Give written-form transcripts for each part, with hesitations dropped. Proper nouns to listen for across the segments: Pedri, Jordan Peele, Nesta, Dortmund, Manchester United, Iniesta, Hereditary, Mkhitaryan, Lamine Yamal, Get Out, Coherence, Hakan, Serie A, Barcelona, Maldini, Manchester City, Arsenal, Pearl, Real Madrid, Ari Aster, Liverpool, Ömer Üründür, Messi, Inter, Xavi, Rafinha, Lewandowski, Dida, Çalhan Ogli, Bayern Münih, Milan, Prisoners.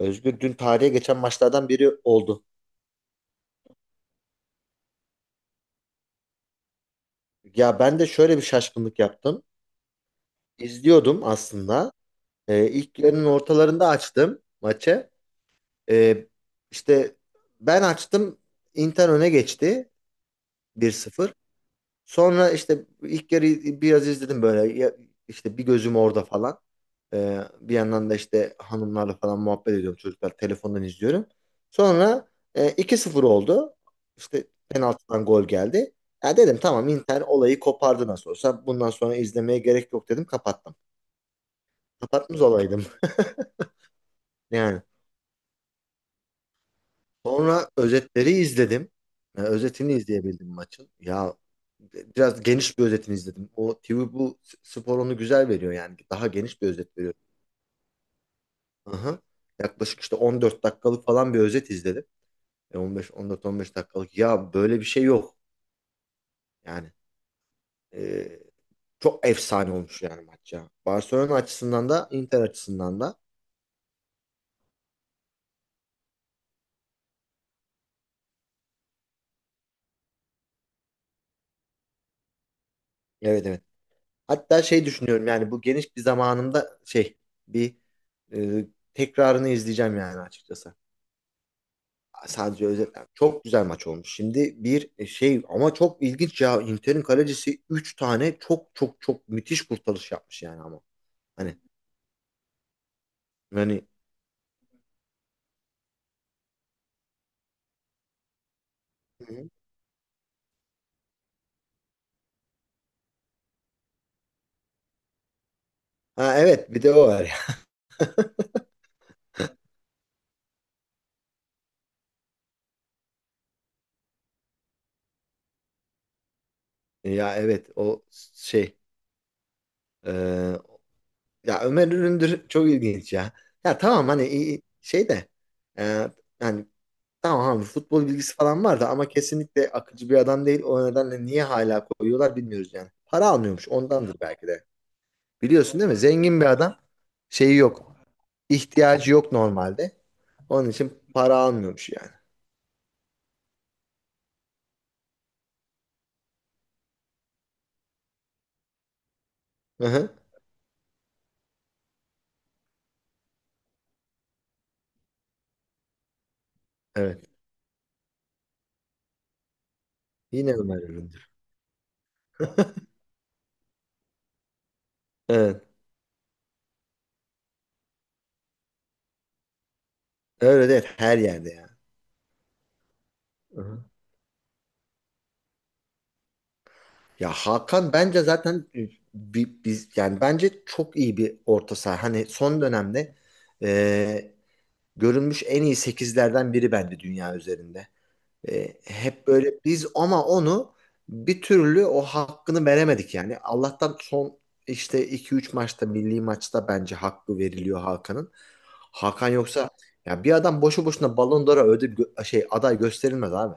Özgür, dün tarihe geçen maçlardan biri oldu. Ya ben de şöyle bir şaşkınlık yaptım. İzliyordum aslında. İlk yarının ortalarında açtım maçı. Ee, işte Ben açtım. Inter öne geçti, bir sıfır. Sonra işte ilk yarı biraz izledim böyle. Bir gözüm orada falan. Bir yandan da işte hanımlarla falan muhabbet ediyorum, çocuklar telefondan izliyorum. Sonra 2-0 oldu. İşte penaltıdan gol geldi. Ya dedim, tamam, Inter olayı kopardı nasıl olsa. Bundan sonra izlemeye gerek yok dedim, kapattım. Kapatmış olaydım yani. Sonra özetleri izledim. Yani özetini izleyebildim maçın. Ya biraz geniş bir özetini izledim. O TV bu spor onu güzel veriyor yani. Daha geniş bir özet veriyor. Aha. Yaklaşık işte 14 dakikalık falan bir özet izledim. 15, 14-15 dakikalık. Ya böyle bir şey yok. Yani e, Çok efsane olmuş yani maç ya. Barcelona açısından da Inter açısından da. Evet, evet. Hatta şey düşünüyorum, yani bu geniş bir zamanımda bir e, tekrarını izleyeceğim yani açıkçası. Sadece özetler. Çok güzel maç olmuş. Şimdi bir e, şey ama çok ilginç ya. Inter'in kalecisi 3 tane çok çok çok müthiş kurtarış yapmış yani ama. Hani hani Hı hı. Ha, evet, bir de o var ya. Ya evet o şey e, Ya Ömer Üründür çok ilginç ya. Ya tamam hani iyi- şey de e, yani Tamam abi, futbol bilgisi falan vardı ama kesinlikle akıcı bir adam değil. O nedenle niye hala koyuyorlar bilmiyoruz yani. Para almıyormuş, ondandır belki de. Biliyorsun değil mi? Zengin bir adam, şeyi yok. İhtiyacı yok normalde. Onun için para almıyormuş yani. Hı-hı. Evet. Yine Ömer Üründür. Evet. Öyle değil. Her yerde yani. Hı-hı. Hakan bence zaten biz yani bence çok iyi bir orta saha. Hani son dönemde e, görülmüş en iyi sekizlerden biri bence dünya üzerinde. E, hep böyle biz ama onu bir türlü o hakkını veremedik yani. Allah'tan son işte iki üç maçta, milli maçta bence hakkı veriliyor Hakan'ın. Hakan yoksa ya bir adam boşu boşuna Ballon d'Or'a ödül gö- şey aday gösterilmez abi.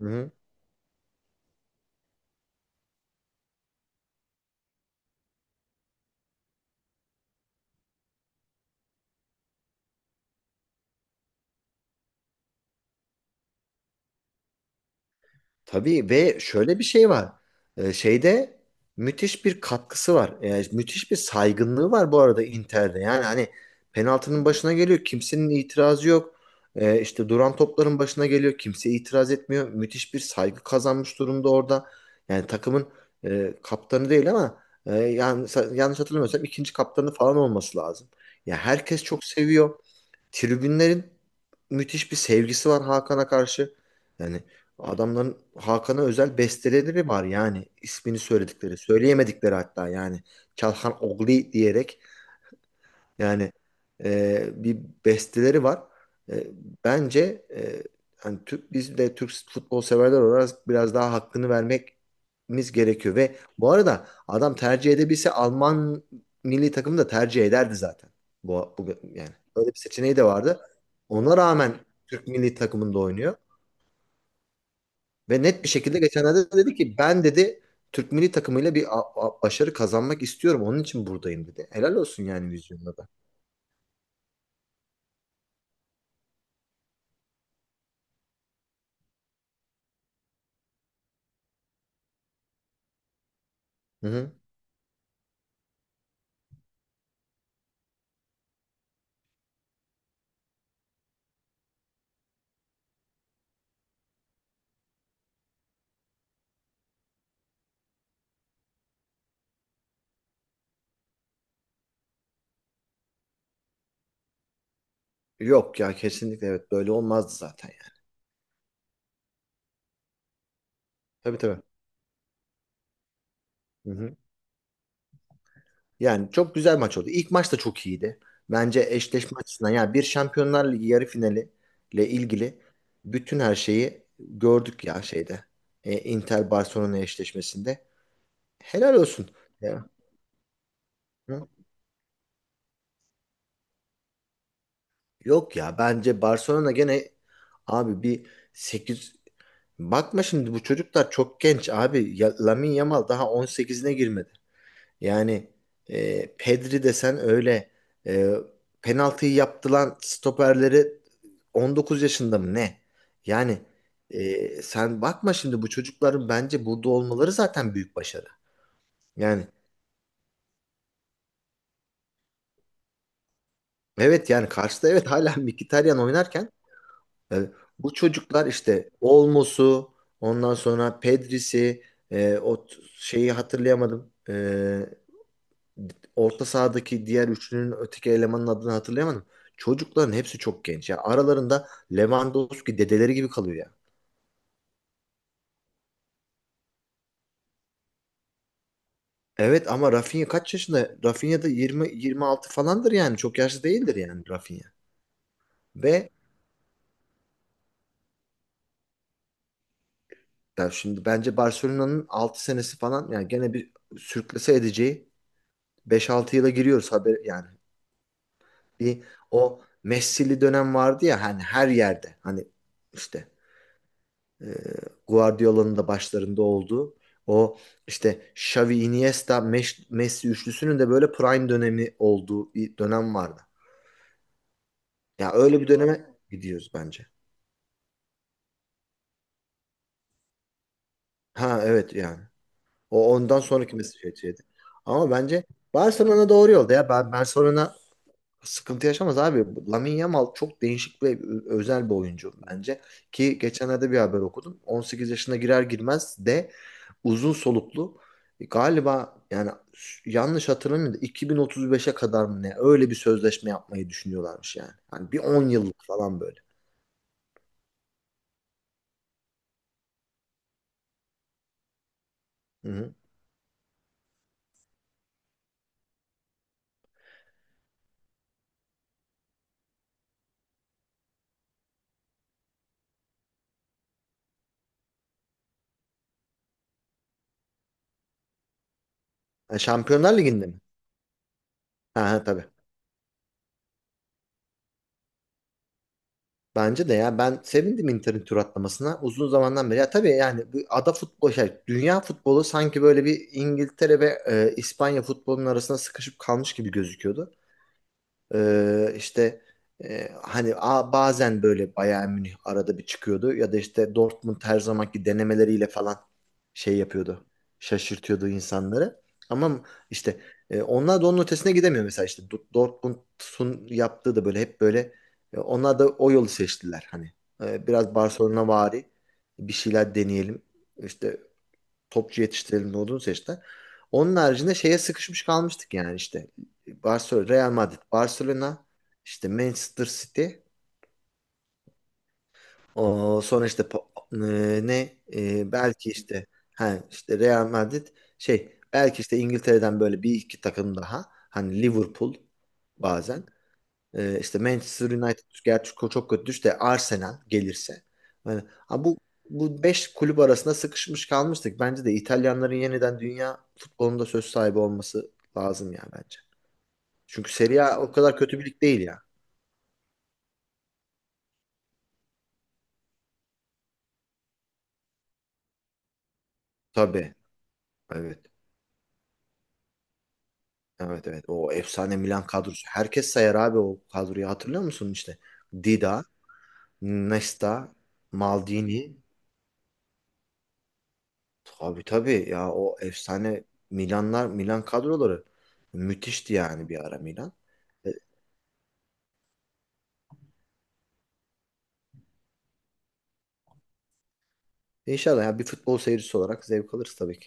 Hı. Tabii, ve şöyle bir şey var. Şeyde Müthiş bir katkısı var. Yani müthiş bir saygınlığı var bu arada Inter'de. Yani hani penaltının başına geliyor, kimsenin itirazı yok. Duran topların başına geliyor, kimse itiraz etmiyor. Müthiş bir saygı kazanmış durumda orada. Yani takımın kaptanı değil ama yanlış hatırlamıyorsam ikinci kaptanı falan olması lazım. Ya herkes çok seviyor. Tribünlerin müthiş bir sevgisi var Hakan'a karşı. Yani adamların Hakan'a özel besteleri var yani, ismini söyledikleri, söyleyemedikleri hatta yani Çalhan Ogli diyerek yani e, bir besteleri var. E, bence hani Türk, biz de Türk futbol severler olarak biraz daha hakkını vermemiz gerekiyor. Ve bu arada adam tercih edebilse Alman milli takımı da tercih ederdi zaten. Bu, bu yani Öyle bir seçeneği de vardı. Ona rağmen Türk milli takımında oynuyor. Ve net bir şekilde geçenlerde dedi ki, ben dedi Türk milli takımıyla bir başarı kazanmak istiyorum. Onun için buradayım dedi. Helal olsun yani vizyonda da. Hı hı. Yok ya, kesinlikle evet, böyle olmazdı zaten yani. Tabii, tabii. Hı hı. Yani çok güzel maç oldu. İlk maç da çok iyiydi. Bence eşleşme açısından yani bir Şampiyonlar Ligi yarı finali ile ilgili bütün her şeyi gördük ya şeyde. E, Inter Barcelona eşleşmesinde. Helal olsun. Ya. Hı? Yok ya bence Barcelona gene abi bir 8 bakma şimdi, bu çocuklar çok genç abi. Ya, Lamine Yamal daha 18'ine girmedi. Yani Pedri desen öyle e, penaltıyı yaptılan stoperleri 19 yaşında mı ne? Yani Sen bakma şimdi, bu çocukların bence burada olmaları zaten büyük başarı. Yani evet, yani karşıda evet hala Mkhitaryan oynarken e, bu çocuklar işte Olmos'u, ondan sonra Pedri'si, e, o t- şeyi hatırlayamadım. E, orta sahadaki diğer üçlünün öteki elemanın adını hatırlayamadım. Çocukların hepsi çok genç. Ya aralarında Lewandowski dedeleri gibi kalıyor ya. Evet ama Rafinha kaç yaşında? Rafinha da 20 26 falandır yani. Çok yaşlı değildir yani Rafinha. Ve ya şimdi bence Barcelona'nın 6 senesi falan yani gene bir sürklese edeceği beş altı yıla giriyoruz haber yani. Bir o Messi'li dönem vardı ya, hani her yerde. Hani işte e, Guardiola'nın da başlarında olduğu o işte Xavi, Iniesta, Messi üçlüsünün de böyle prime dönemi olduğu bir dönem vardı. Ya öyle bir döneme gidiyoruz bence. Ha evet yani. O ondan sonraki Messi şeydi. Ama bence Barcelona doğru yolda ya. Ben Barcelona sıkıntı yaşamaz abi. Lamine Yamal çok değişik ve özel bir oyuncu bence. Ki geçenlerde bir haber okudum. 18 yaşına girer girmez de uzun soluklu galiba yani yanlış hatırlamıyorum da 2035'e kadar mı ne öyle bir sözleşme yapmayı düşünüyorlarmış yani. Yani bir 10 yıllık falan böyle. Hı hı. Ha, Şampiyonlar Ligi'nde mi? Ha, ha, tabii. Bence de ya ben sevindim Inter'in tur atlamasına uzun zamandan beri. Ya tabii yani bu ada futbolu şey, dünya futbolu sanki böyle bir İngiltere ve İspanya futbolunun arasında sıkışıp kalmış gibi gözüküyordu. İşte e, hani bazen böyle Bayern Münih arada bir çıkıyordu ya da işte Dortmund her zamanki denemeleriyle falan şey yapıyordu. Şaşırtıyordu insanları. Ama işte onlar da onun ötesine gidemiyor, mesela işte Dortmund'un yaptığı da böyle hep böyle onlar da o yolu seçtiler hani. E, biraz Barcelona vari bir şeyler deneyelim. İşte topçu yetiştirelim ne olduğunu seçtiler. Onun haricinde şeye sıkışmış kalmıştık yani işte. Barcelona, Real Madrid, Barcelona, işte Manchester City. O sonra işte po- e, ne e, belki işte Ha, işte Real Madrid, şey, belki işte İngiltere'den böyle bir iki takım daha, hani Liverpool bazen. Manchester United gerçi çok kötü düştü de Arsenal gelirse. Yani, ha bu 5 kulüp arasında sıkışmış kalmıştık. Bence de İtalyanların yeniden dünya futbolunda söz sahibi olması lazım ya bence. Çünkü Serie A o kadar kötü bir lig değil ya. Tabii. Evet. Evet, evet. O efsane Milan kadrosu. Herkes sayar abi o kadroyu. Hatırlıyor musun işte? Dida, Nesta, Maldini, tabii tabii ya, o efsane Milanlar, Milan kadroları müthişti yani bir ara Milan. E, İnşallah ya, bir futbol seyircisi olarak zevk alırız tabii ki.